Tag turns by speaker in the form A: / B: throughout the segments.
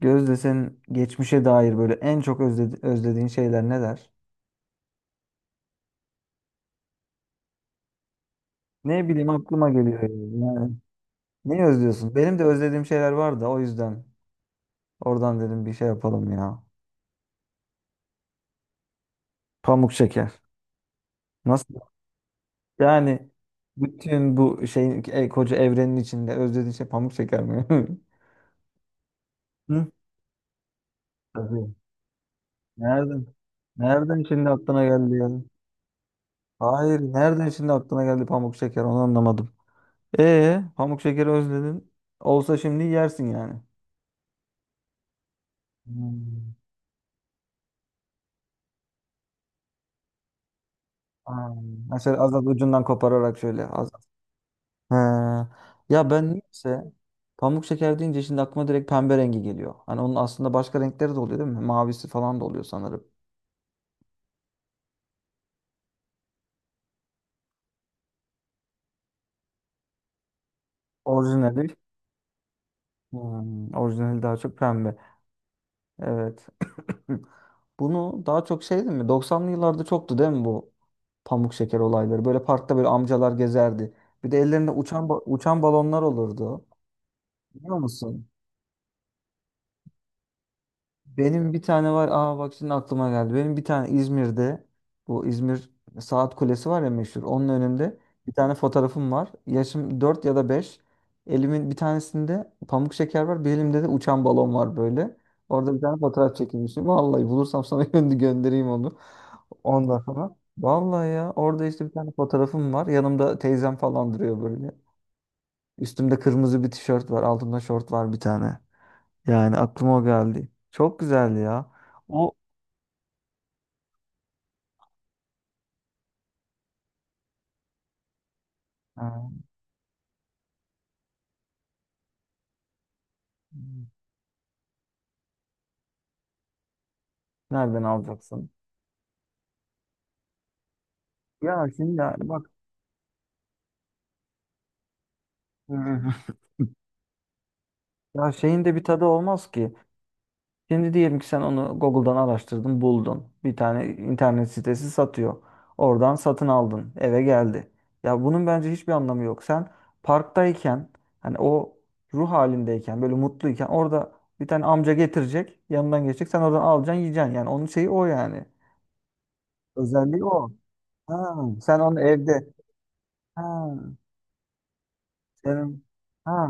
A: Gözde senin geçmişe dair böyle en çok özlediğin şeyler neler? Ne bileyim aklıma geliyor yani. Yani ne özlüyorsun? Benim de özlediğim şeyler var da o yüzden oradan dedim bir şey yapalım ya. Pamuk şeker. Nasıl? Yani bütün bu şeyin koca evrenin içinde özlediğin şey pamuk şeker mi? Hı? Tabii. Nereden? Nereden şimdi aklına geldi ya? Hayır, nereden şimdi aklına geldi pamuk şeker? Onu anlamadım. Pamuk şekeri özledin. Olsa şimdi yersin yani. Hmm. Aa, mesela az ucundan kopararak şöyle az. He. Ya ben niyeyse pamuk şeker deyince şimdi aklıma direkt pembe rengi geliyor. Hani onun aslında başka renkleri de oluyor değil mi? Mavisi falan da oluyor sanırım. Orijinali. Hmm, orijinali daha çok pembe. Evet. Bunu daha çok şey değil mi? Doksanlı yıllarda çoktu değil mi bu pamuk şeker olayları? Böyle parkta böyle amcalar gezerdi. Bir de ellerinde uçan balonlar olurdu. Biliyor musun? Benim bir tane var. Aa bak şimdi aklıma geldi. Benim bir tane İzmir'de, bu İzmir Saat Kulesi var ya meşhur. Onun önünde bir tane fotoğrafım var. Yaşım 4 ya da 5. Elimin bir tanesinde pamuk şeker var. Bir elimde de uçan balon var böyle. Orada bir tane fotoğraf çekilmişim. Vallahi bulursam sana göndereyim onu. Ondan sonra. Vallahi ya orada işte bir tane fotoğrafım var. Yanımda teyzem falan duruyor böyle. Üstümde kırmızı bir tişört var. Altımda şort var bir tane. Yani aklıma o geldi. Çok güzeldi ya. O e, nereden alacaksın? Ya şimdi yani bak, e, ya şeyin de bir tadı olmaz ki. Şimdi diyelim ki sen onu Google'dan araştırdın, buldun. Bir tane internet sitesi satıyor. Oradan satın aldın, eve geldi. Ya bunun bence hiçbir anlamı yok. Sen parktayken hani o ruh halindeyken böyle mutluyken orada bir tane amca getirecek, yanından geçecek. Sen oradan alacaksın, yiyeceksin. Yani onun şeyi o yani. Özelliği o. Ha, sen onu evde. Ha, senin. Ha,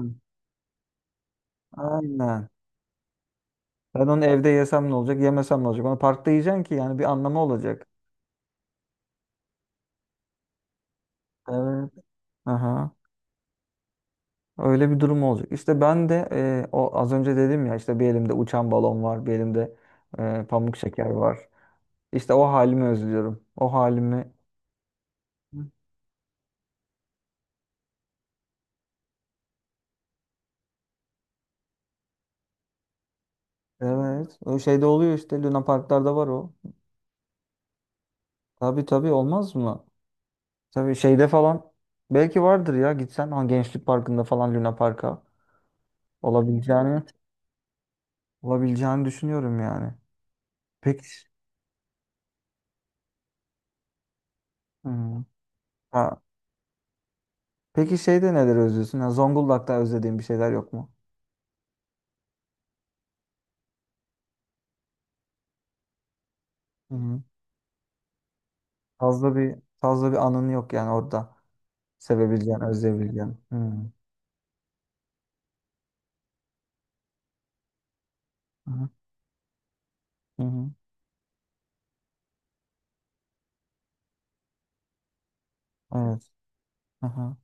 A: aynen. Ben onu evde yesem ne olacak, yemesem ne olacak? Onu parkta yiyeceksin ki yani bir anlamı olacak. Evet. Aha. Öyle bir durum olacak. İşte ben de o az önce dedim ya işte bir elimde uçan balon var, bir elimde pamuk şeker var. İşte o halimi özlüyorum. O halimi. Evet. O şeyde oluyor işte Luna Parklarda var o. Tabii tabii olmaz mı? Tabii şeyde falan belki vardır ya gitsen, ha, Gençlik Parkı'nda falan Luna Park'a. Olabileceğini, olabileceğini düşünüyorum yani. Peki, hmm. Ha, peki şeyde neler özlüyorsun? Ya Zonguldak'ta özlediğin bir şeyler yok mu? Hı. Fazla bir anın yok yani orada sevebileceğin, özleyebileceğin. Hmm. Hı hı. Hı hı. Evet. Aha.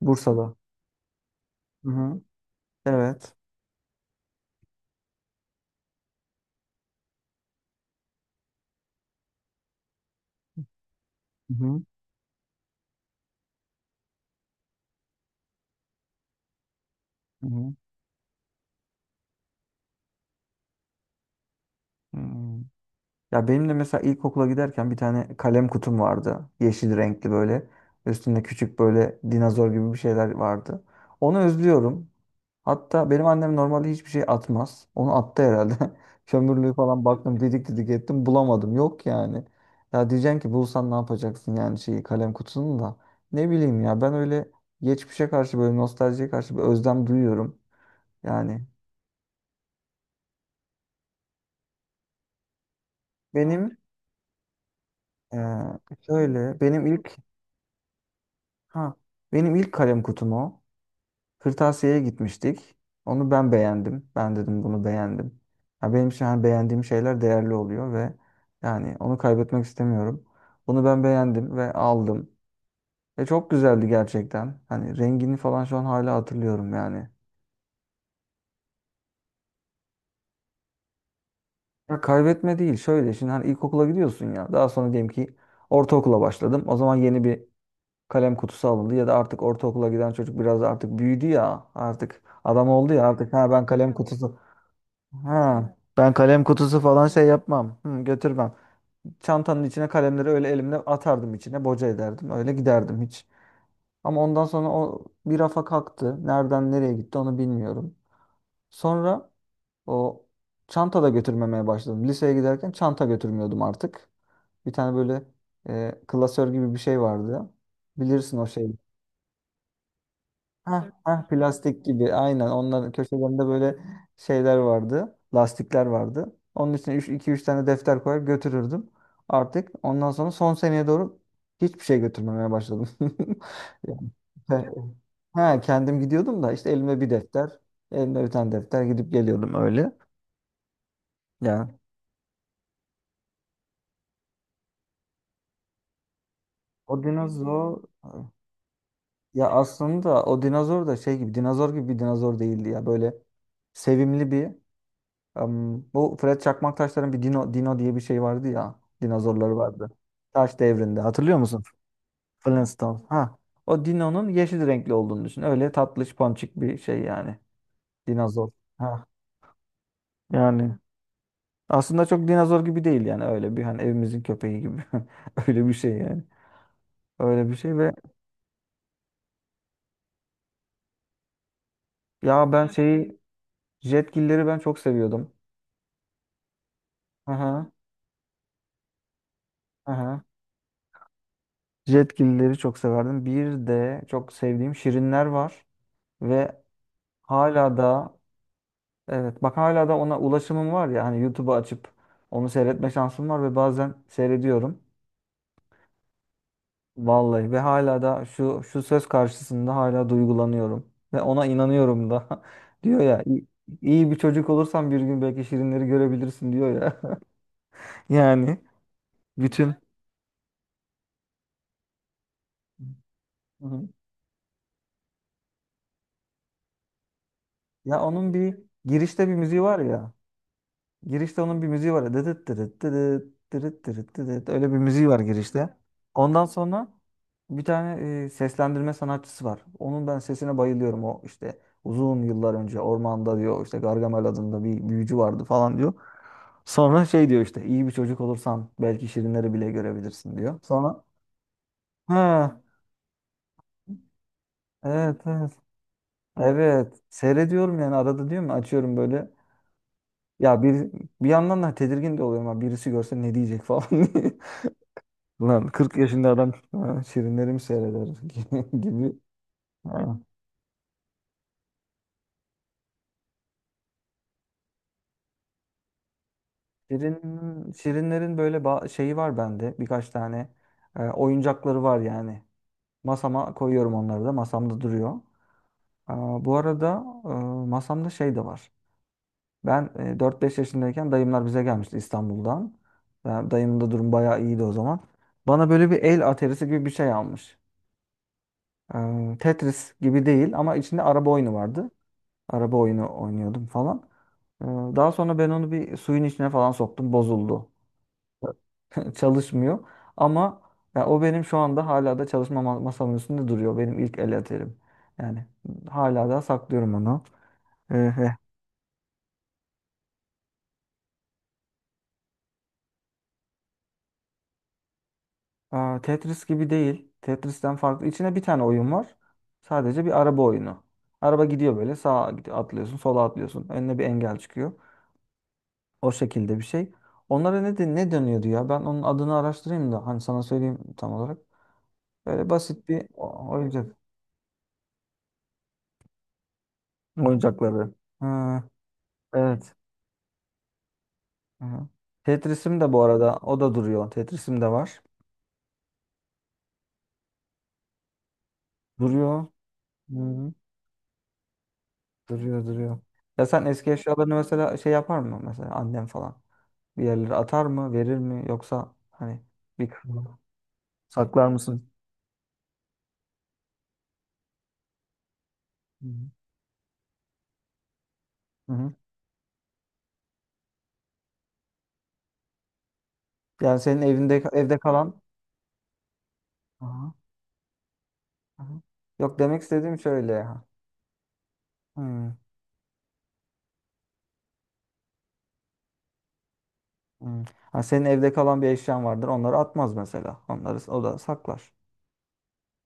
A: Bursa'da. Hı hı. Evet. Hı hı. Hı hı. Hmm. Ya benim de mesela ilkokula giderken bir tane kalem kutum vardı. Yeşil renkli böyle. Üstünde küçük böyle dinozor gibi bir şeyler vardı. Onu özlüyorum. Hatta benim annem normalde hiçbir şey atmaz. Onu attı herhalde. Kömürlüğü falan baktım, didik didik ettim, bulamadım. Yok yani. Ya diyeceksin ki bulsan ne yapacaksın yani şeyi, kalem kutusunu da. Ne bileyim ya, ben öyle geçmişe karşı, böyle nostaljiye karşı bir özlem duyuyorum. Yani benim şöyle benim ilk ha benim ilk kalem kutum o. Kırtasiye'ye gitmiştik. Onu ben beğendim. Ben dedim bunu beğendim. Ya benim için hani beğendiğim şeyler değerli oluyor ve yani onu kaybetmek istemiyorum. Bunu ben beğendim ve aldım. Ve çok güzeldi gerçekten. Hani rengini falan şu an hala hatırlıyorum yani. Ya kaybetme değil, şöyle şimdi hani ilkokula gidiyorsun ya. Daha sonra diyelim ki ortaokula başladım. O zaman yeni bir kalem kutusu alındı ya da artık ortaokula giden çocuk biraz artık büyüdü ya. Artık adam oldu ya artık. Ha, ben kalem kutusu falan şey yapmam. Hı, götürmem. Çantanın içine kalemleri öyle elimle atardım içine, boca ederdim. Öyle giderdim hiç. Ama ondan sonra o bir rafa kalktı. Nereden nereye gitti onu bilmiyorum. Sonra o çanta da götürmemeye başladım. Liseye giderken çanta götürmüyordum artık. Bir tane böyle klasör gibi bir şey vardı. Bilirsin o şey. Heh, heh, plastik gibi aynen, onların köşelerinde böyle şeyler vardı. Lastikler vardı. Onun için iki üç tane defter koyar götürürdüm. Artık ondan sonra son seneye doğru hiçbir şey götürmemeye başladım. Yani, he, he, kendim gidiyordum da işte, elime bir defter, elimde bir tane defter, gidip geliyordum öyle. Yani o dinozor, ya aslında o dinozor da şey gibi, dinozor gibi bir dinozor değildi ya, böyle sevimli bir. Bu Fred Çakmaktaşların bir Dino, Dino diye bir şey vardı ya. Dinozorları vardı. Taş devrinde. Hatırlıyor musun? Flintstones. Ha. O Dino'nun yeşil renkli olduğunu düşün. Öyle tatlış ponçik bir şey yani. Dinozor. Ha. Yani aslında çok dinozor gibi değil yani, öyle bir hani evimizin köpeği gibi. Öyle bir şey yani. Öyle bir şey ve ya ben şeyi, jetgilleri ben çok seviyordum. Aha. Aha. Jetgilleri çok severdim. Bir de çok sevdiğim şirinler var ve. Hala da Evet, bak hala da ona ulaşımım var ya, hani YouTube'u açıp onu seyretme şansım var ve bazen seyrediyorum. Vallahi, ve hala da şu şu söz karşısında hala duygulanıyorum ve ona inanıyorum da. Diyor ya, iyi, iyi bir çocuk olursan bir gün belki şirinleri görebilirsin diyor ya. Yani bütün. Hı hı. Ya onun bir, girişte bir müziği var ya. Girişte onun bir müziği var. Ya, Dıdıt dırıt dıdıt dırıt dırıt dıdıt. Öyle bir müziği var girişte. Ondan sonra bir tane seslendirme sanatçısı var. Onun ben sesine bayılıyorum. O işte uzun yıllar önce ormanda diyor, işte Gargamel adında bir büyücü vardı falan diyor. Sonra şey diyor, işte iyi bir çocuk olursan belki şirinleri bile görebilirsin diyor. Sonra ha, evet evet evet, seyrediyorum yani arada, diyorum ya, açıyorum böyle. Ya bir yandan da tedirgin de oluyorum. Ha, birisi görse ne diyecek falan. Lan 40 yaşında adam ha, şirinleri mi seyreder gibi. Ha. Şirinlerin böyle şeyi var bende. Birkaç tane oyuncakları var yani. Masama koyuyorum onları da. Masamda duruyor. Aa, bu arada masamda şey de var. Ben 4-5 yaşındayken dayımlar bize gelmişti İstanbul'dan. Ben, dayımın da durum bayağı iyiydi o zaman. Bana böyle bir el aterisi gibi bir şey almış. Tetris gibi değil ama içinde araba oyunu vardı. Araba oyunu oynuyordum falan. Daha sonra ben onu bir suyun içine falan soktum. Bozuldu. Çalışmıyor. Ama ya o benim şu anda hala da çalışma masamın üstünde duruyor. Benim ilk el aterim. Yani hala da saklıyorum onu. Ee, Aa, Tetris gibi değil. Tetris'ten farklı. İçine bir tane oyun var. Sadece bir araba oyunu. Araba gidiyor böyle, sağa gidiyor, atlıyorsun, sola atlıyorsun. Önüne bir engel çıkıyor. O şekilde bir şey. Onlara ne, de, ne dönüyordu ya? Ben onun adını araştırayım da hani sana söyleyeyim tam olarak. Böyle basit bir oyuncak. Oyuncakları. Ha, evet. Hı. Tetris'im de bu arada o da duruyor. Tetris'im de var. Duruyor. Hı. Duruyor duruyor. Ya sen eski eşyalarını mesela şey yapar mı? Mesela annem falan. Bir yerlere atar mı? Verir mi? Yoksa hani bir kısmını saklar mısın? Hı hı. Hı hı. Yani senin evinde, evde kalan. Aha, aha. Yok, demek istediğim şöyle. Hmm, hmm. Ha, senin evde kalan bir eşyan vardır. Onları atmaz mesela. Onları o da saklar.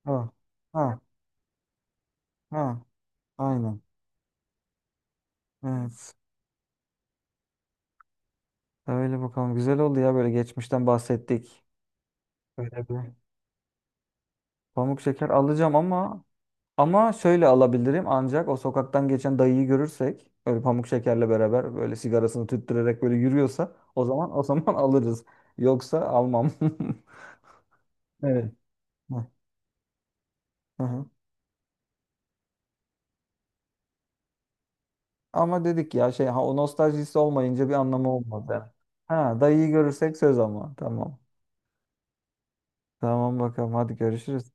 A: Ha, ha, ha. Aynen. Evet. Öyle bakalım. Güzel oldu ya böyle geçmişten bahsettik. Öyle bir pamuk şeker alacağım ama, ama şöyle alabilirim ancak, o sokaktan geçen dayıyı görürsek böyle pamuk şekerle beraber böyle sigarasını tüttürerek böyle yürüyorsa, o zaman o zaman alırız. Yoksa almam. Evet. Hı hı. Ama dedik ya şey, ha, o nostaljisi olmayınca bir anlamı olmadı. Ha, dayıyı görürsek, söz ama. Tamam. Tamam bakalım, hadi görüşürüz.